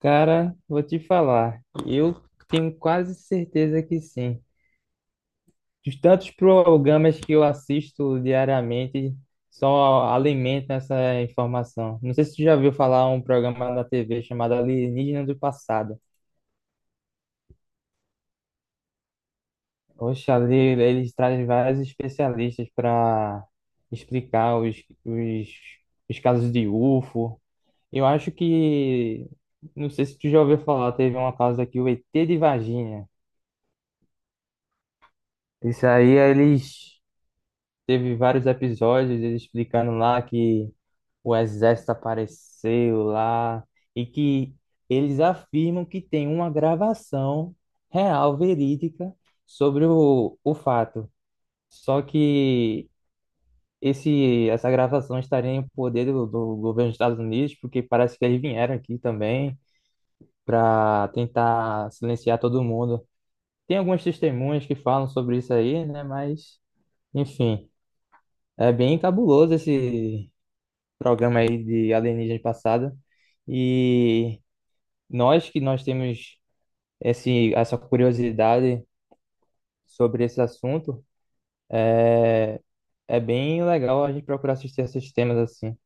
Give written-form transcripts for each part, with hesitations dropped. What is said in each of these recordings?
Cara, vou te falar. Eu tenho quase certeza que sim. Os tantos programas que eu assisto diariamente só alimentam essa informação. Não sei se tu já viu falar um programa na TV chamado Alienígena do Passado. Oxe, ali eles trazem vários especialistas para explicar os, os casos de UFO. Eu acho que, não sei se tu já ouviu falar, teve uma causa aqui, o ET de Varginha. Isso aí, eles teve vários episódios, eles explicando lá que o exército apareceu lá e que eles afirmam que tem uma gravação real, verídica, sobre o fato. Só que essa gravação estaria em poder do governo dos Estados Unidos, porque parece que eles vieram aqui também para tentar silenciar todo mundo. Tem algumas testemunhas que falam sobre isso aí, né? Mas, enfim, é bem cabuloso esse programa aí de alienígenas passada. E nós temos essa curiosidade sobre esse assunto. É bem legal a gente procurar assistir esses temas assim.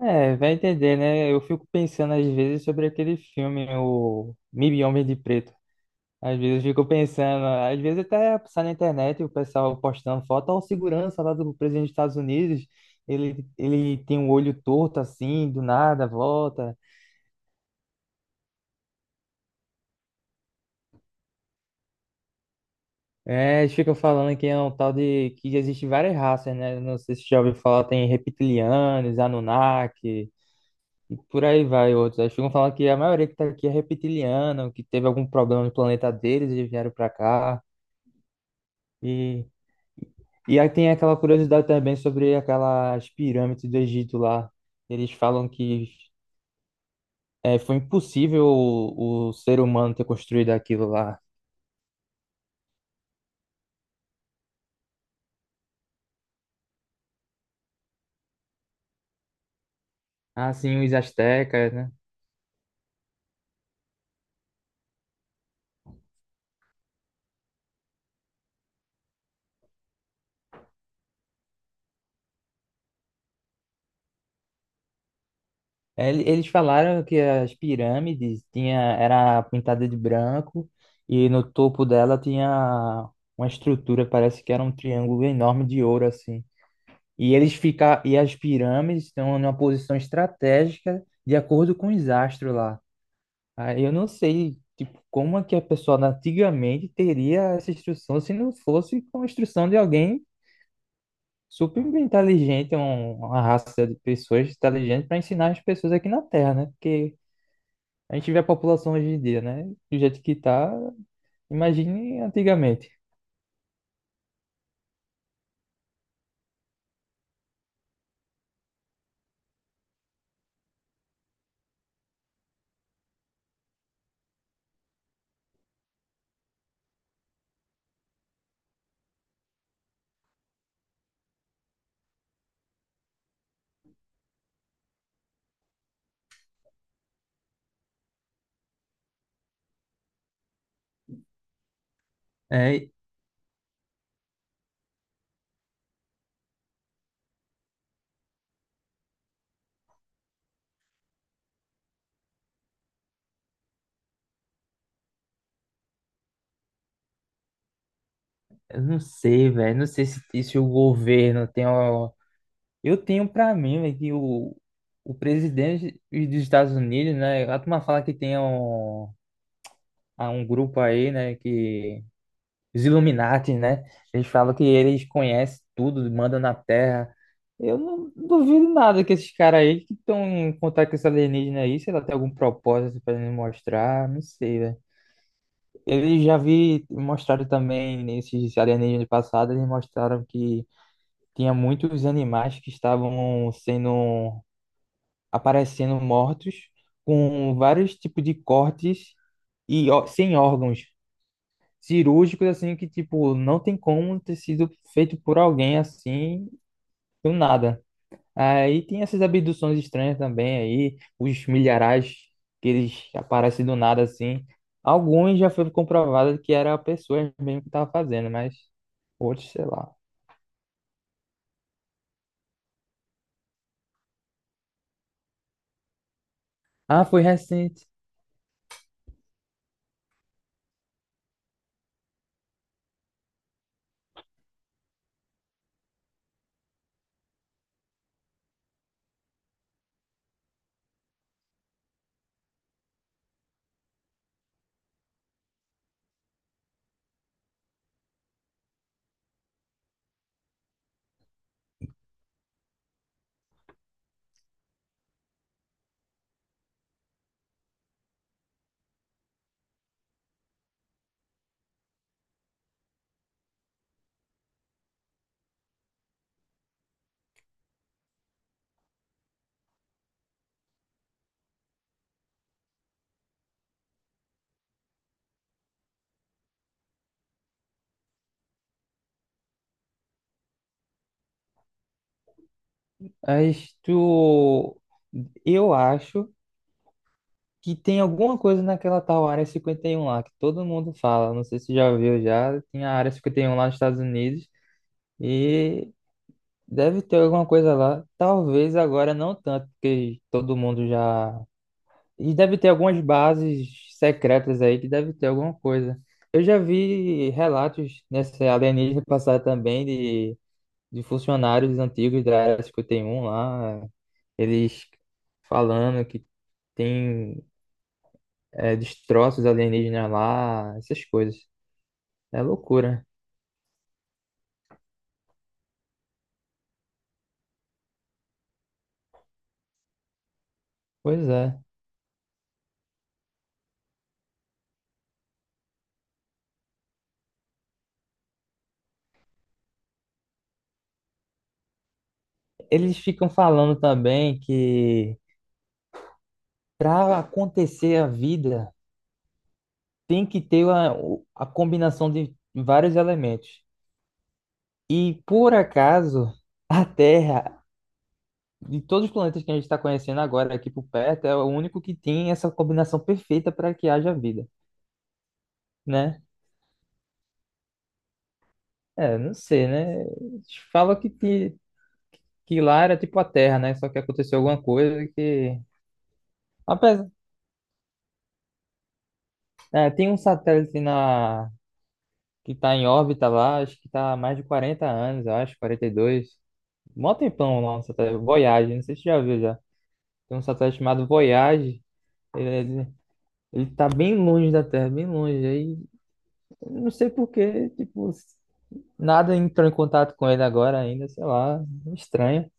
É, vai entender, né? Eu fico pensando às vezes sobre aquele filme, o Mil Homens de Preto. Às vezes eu fico pensando, às vezes até passar na internet o pessoal postando foto, ó, o segurança lá do presidente dos Estados Unidos, ele tem um olho torto assim, do nada, volta. É, eles ficam falando que é um tal de que existe várias raças, né? Não sei se você já ouviu falar, tem reptilianos, Anunnaki e por aí vai outros. Eles ficam falando que a maioria que tá aqui é reptiliana, que teve algum problema no planeta deles e vieram pra cá. E, e aí tem aquela curiosidade também sobre aquelas pirâmides do Egito lá. Eles falam que foi impossível o ser humano ter construído aquilo lá. Assim, os astecas, né? É, eles falaram que as pirâmides tinha, era pintada de branco e no topo dela tinha uma estrutura, parece que era um triângulo enorme de ouro assim. E as pirâmides estão numa posição estratégica de acordo com os astros lá. Aí eu não sei, tipo, como é que a pessoa antigamente teria essa instrução se não fosse com a instrução de alguém super inteligente, uma raça de pessoas inteligentes para ensinar as pessoas aqui na Terra, né? Porque a gente vê a população hoje em dia, né? Do jeito que tá, imagine antigamente. É, eu não sei, velho. Não sei se o governo tem uma... Eu tenho pra mim, velho, que o presidente dos Estados Unidos, né? A turma fala que há um grupo aí, né? Que... Os Illuminati, né? Eles falam que eles conhecem tudo, mandam na Terra. Eu não duvido nada que esses caras aí que estão em contato com esse alienígena aí, se ela tem algum propósito pra ele mostrar, não sei, velho. Eles mostraram também nesses alienígenas passados, eles mostraram que tinha muitos animais que estavam sendo aparecendo mortos com vários tipos de cortes e sem órgãos cirúrgicos assim que tipo não tem como ter sido feito por alguém assim do nada. Aí tem essas abduções estranhas também aí, os milharais que eles aparecem do nada assim. Alguns já foi comprovado que era a pessoa mesmo que estava fazendo, mas outros, sei lá. Ah, foi recente. Mas tu... Eu acho que tem alguma coisa naquela tal Área 51 lá, que todo mundo fala. Não sei se já viu já, tem a Área 51 lá nos Estados Unidos e deve ter alguma coisa lá. Talvez agora não tanto, porque todo mundo já... E deve ter algumas bases secretas aí que deve ter alguma coisa. Eu já vi relatos nessa alienígena passar também de funcionários antigos da Área 51 lá, eles falando que tem destroços alienígenas lá, essas coisas. É loucura. Pois é. Eles ficam falando também que para acontecer a vida tem que ter a combinação de vários elementos. E por acaso, a Terra, de todos os planetas que a gente está conhecendo agora aqui por perto, é o único que tem essa combinação perfeita para que haja vida, né? É, não sei, né? Fala que lá era tipo a Terra, né? Só que aconteceu alguma coisa que... Apesar, tem um satélite na... que está em órbita lá, acho que está há mais de 40 anos, eu acho, 42. Mó tempão lá no satélite, Voyage, não sei se você já viu já. Tem um satélite chamado Voyage. Ele tá bem longe da Terra, bem longe. Aí, não sei por quê, tipo, nada entrou em contato com ele agora ainda, sei lá. Estranho.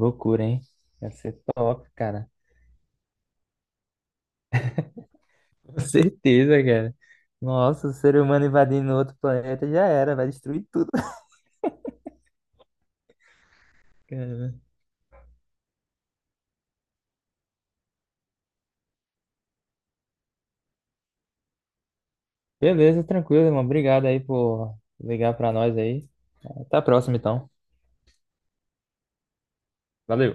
Loucura, hein? Ia ser top, cara. Com certeza, cara. Nossa, o ser humano invadindo outro planeta já era, vai destruir tudo. Cara. Beleza, tranquilo, irmão. Obrigado aí por ligar pra nós aí. Até a próxima, então. Valeu.